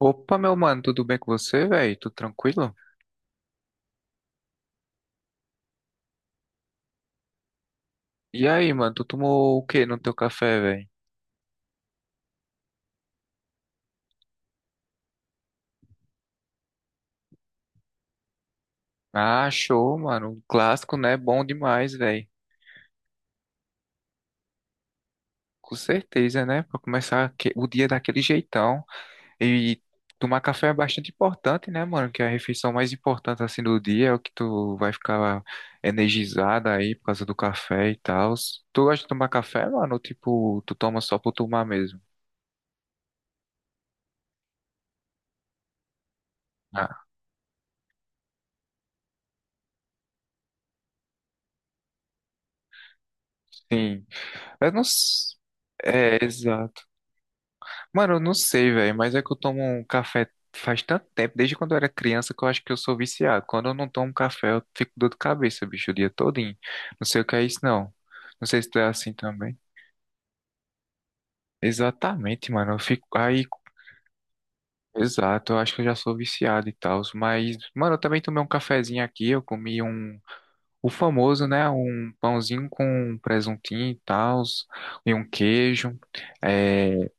Opa, meu mano, tudo bem com você, velho? Tudo tranquilo? E aí, mano, tu tomou o que no teu café, velho? Ah, show, mano. Um clássico, né? Bom demais, velho. Com certeza, né? Pra começar o dia daquele jeitão. E tomar café é bastante importante, né, mano? Que é a refeição mais importante, assim, do dia. É o que tu vai ficar energizado aí por causa do café e tal. Tu gosta de tomar café, mano? Ou, tipo, tu toma só por tomar mesmo? Ah, sim. Eu não... s- É, exato. Mano, eu não sei, velho, mas é que eu tomo um café faz tanto tempo, desde quando eu era criança, que eu acho que eu sou viciado. Quando eu não tomo café, eu fico com dor de cabeça, bicho, o dia todinho. Não sei o que é isso, não. Não sei se tu é assim também. Exatamente, mano, eu fico aí. Exato, eu acho que eu já sou viciado e tal, mas, mano, eu também tomei um cafezinho aqui, eu comi um, o famoso, né, um pãozinho com presuntinho e tal, e um queijo, é,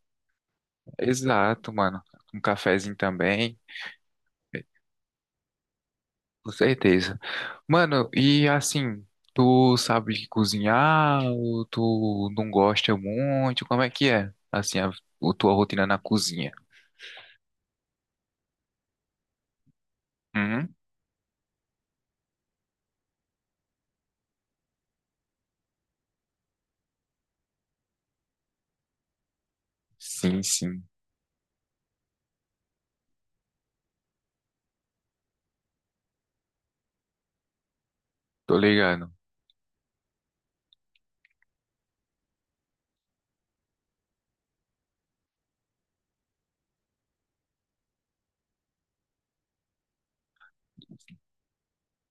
exato, mano, um cafezinho também, com certeza. Mano, e assim, tu sabe cozinhar ou tu não gosta muito? Como é que é, assim, a tua rotina na cozinha? Uhum. Sim, sim, tô ligado.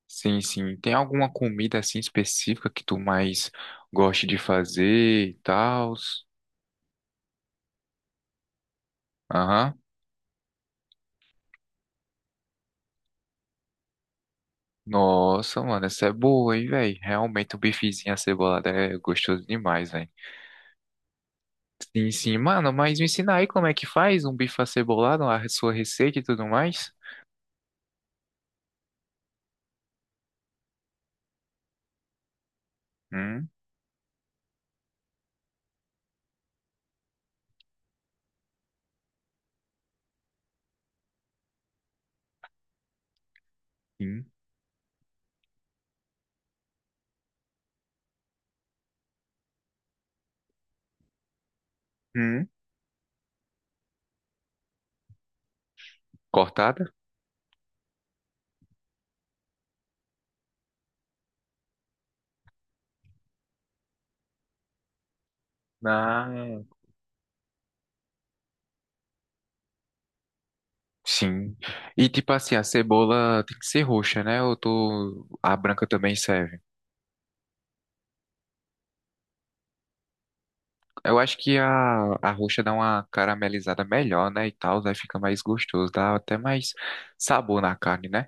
Sim, sim. Tem alguma comida, assim, específica que tu mais gosta de fazer e tal? Aham. Nossa, mano, essa é boa, hein, velho? Realmente o bifezinho acebolado é gostoso demais, velho. Sim, sim, mano, mas me ensina aí como é que faz um bife acebolado, a sua receita e tudo mais. Hum, sim hum. Cortada? Ah, sim. E tipo assim, a cebola tem que ser roxa, né? Ou tô... a branca também serve. Eu acho que a roxa dá uma caramelizada melhor, né? E tal, aí fica mais gostoso, dá até mais sabor na carne, né?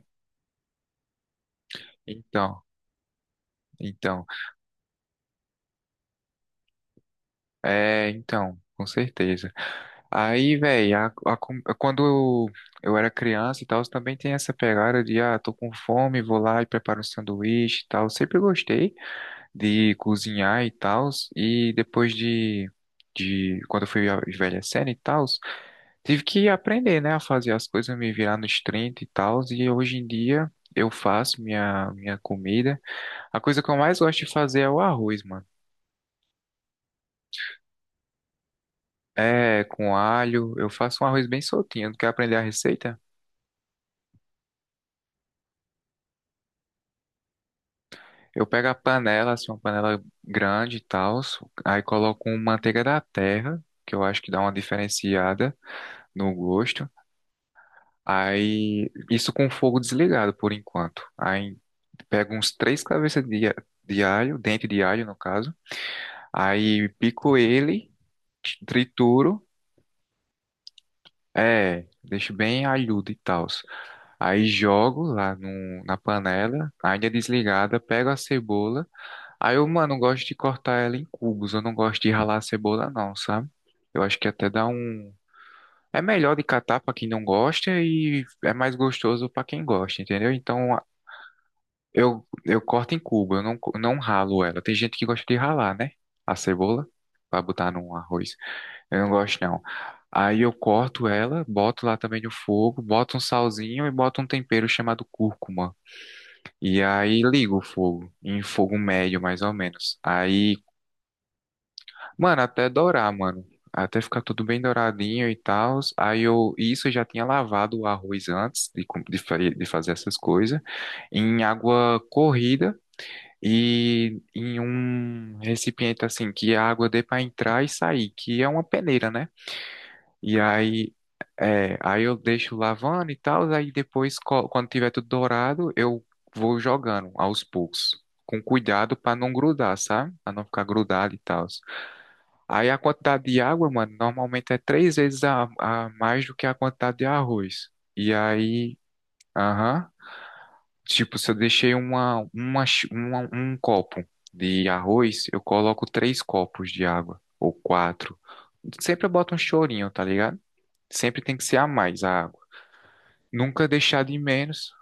Então, então, é, então, com certeza. Aí, velho, quando eu, eu era criança e tal, também tem essa pegada de, ah, tô com fome, vou lá e preparo um sanduíche e tal. Sempre gostei de cozinhar e tals, de quando eu fui envelhecendo e tals, tive que aprender, né, a fazer as coisas, me virar nos 30 e tals, e hoje em dia eu faço minha comida. A coisa que eu mais gosto de fazer é o arroz, mano. É, com alho, eu faço um arroz bem soltinho, não quer aprender a receita? Eu pego a panela, assim, uma panela grande e tal, aí coloco uma manteiga da terra, que eu acho que dá uma diferenciada no gosto. Aí, isso com o fogo desligado por enquanto. Aí, pego uns três cabeças de alho, dente de alho no caso. Aí, pico ele, trituro, é, deixo bem alhudo e tal. Aí, jogo lá no, na panela, ainda desligada, pego a cebola. Aí, eu, mano, gosto de cortar ela em cubos, eu não gosto de ralar a cebola, não, sabe? Eu acho que até dá um. É melhor de catar pra quem não gosta e é mais gostoso pra quem gosta, entendeu? Então eu corto em cubo, eu não, não ralo ela. Tem gente que gosta de ralar, né? A cebola, pra botar num arroz. Eu não gosto, não. Aí eu corto ela, boto lá também no fogo, boto um salzinho e boto um tempero chamado cúrcuma. E aí ligo o fogo, em fogo médio mais ou menos. Aí, mano, até dourar, mano. Até ficar tudo bem douradinho e tal. Aí eu, isso eu já tinha lavado o arroz antes de, com- de fa- de fazer essas coisas, em água corrida e em um recipiente assim que a água dê para entrar e sair, que é uma peneira, né? E aí é, aí eu deixo lavando e tal, aí depois quando tiver tudo dourado, eu vou jogando aos poucos. Com cuidado para não grudar, sabe? Para não ficar grudado e tal. Aí a quantidade de água, mano, normalmente é três vezes a mais do que a quantidade de arroz. E aí, aham. Tipo, se eu deixei um copo de arroz, eu coloco três copos de água, ou quatro. Sempre eu boto um chorinho, tá ligado? Sempre tem que ser a mais a água. Nunca deixar de menos.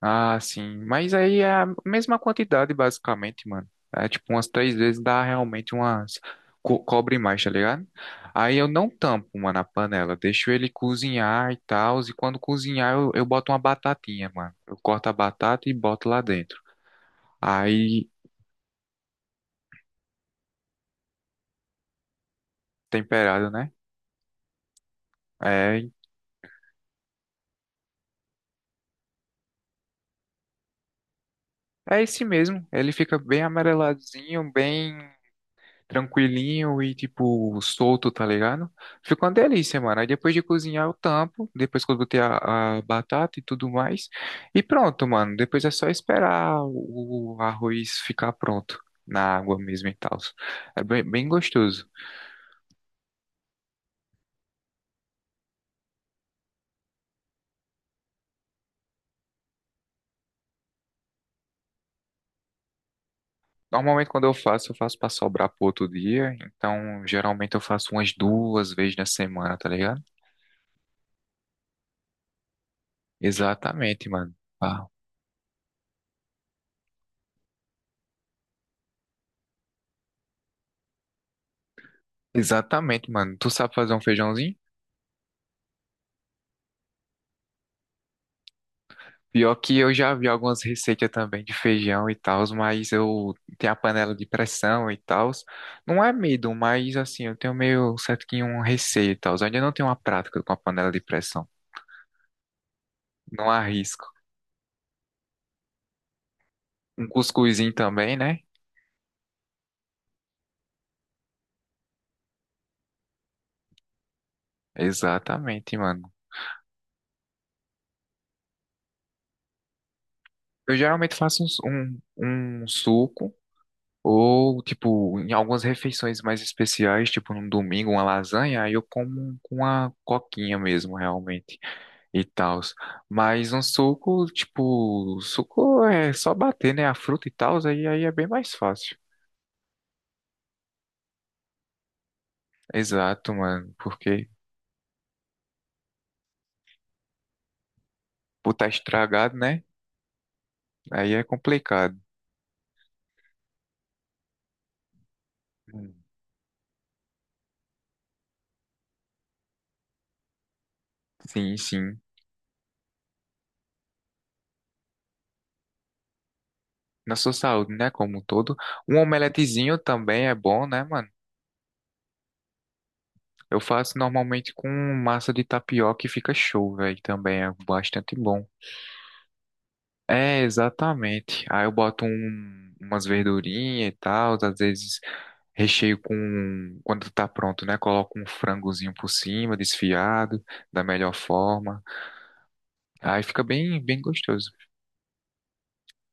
Ah, sim. Mas aí é a mesma quantidade, basicamente, mano. É tipo umas três vezes dá realmente umas, cobre mais, tá ligado? Aí eu não tampo, mano, a panela. Deixo ele cozinhar e tal. E quando cozinhar, eu boto uma batatinha, mano. Eu corto a batata e boto lá dentro. Aí, temperado, né? É, é esse mesmo. Ele fica bem ameleladinho, bem tranquilinho e, tipo, solto, tá ligado? Fica uma delícia, mano. Aí depois de cozinhar, eu tampo. Depois que eu botei a batata e tudo mais. E pronto, mano. Depois é só esperar o arroz ficar pronto na água mesmo e tal. É bem, bem gostoso. Normalmente, quando eu faço pra sobrar pro outro dia. Então, geralmente, eu faço umas duas vezes na semana, tá ligado? Exatamente, mano. Ah, exatamente, mano. Tu sabe fazer um feijãozinho? Pior que eu já vi algumas receitas também de feijão e tal, mas eu tenho a panela de pressão e tal. Não é medo, mas assim, eu tenho meio certo que um receio e tal. Eu ainda não tenho uma prática com a panela de pressão. Não arrisco. Um cuscuzinho também, né? Exatamente, mano. Eu geralmente faço um suco. Ou, tipo, em algumas refeições mais especiais, tipo num domingo, uma lasanha, aí eu como um, com uma coquinha mesmo, realmente, e tal. Mas um suco, tipo, suco é só bater, né, a fruta e tal, aí é bem mais fácil. Exato, mano, porque botar estragado, né, aí é complicado. Hum. Sim, sim. Na sua saúde, né, como um todo. Um omeletezinho também é bom, né, mano? Eu faço normalmente com massa de tapioca e fica show, velho. Também é bastante bom. É, exatamente. Aí eu boto umas verdurinhas e tal, às vezes recheio com, quando tá pronto, né? Coloco um frangozinho por cima, desfiado, da melhor forma. Aí fica bem, bem gostoso.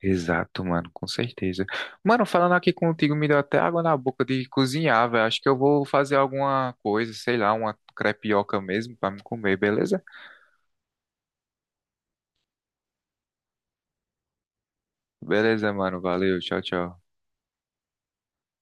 Exato, mano, com certeza. Mano, falando aqui contigo, me deu até água na boca de cozinhar, velho. Acho que eu vou fazer alguma coisa, sei lá, uma crepioca mesmo pra me comer, beleza? Beleza, mano. Valeu. Tchau, tchau.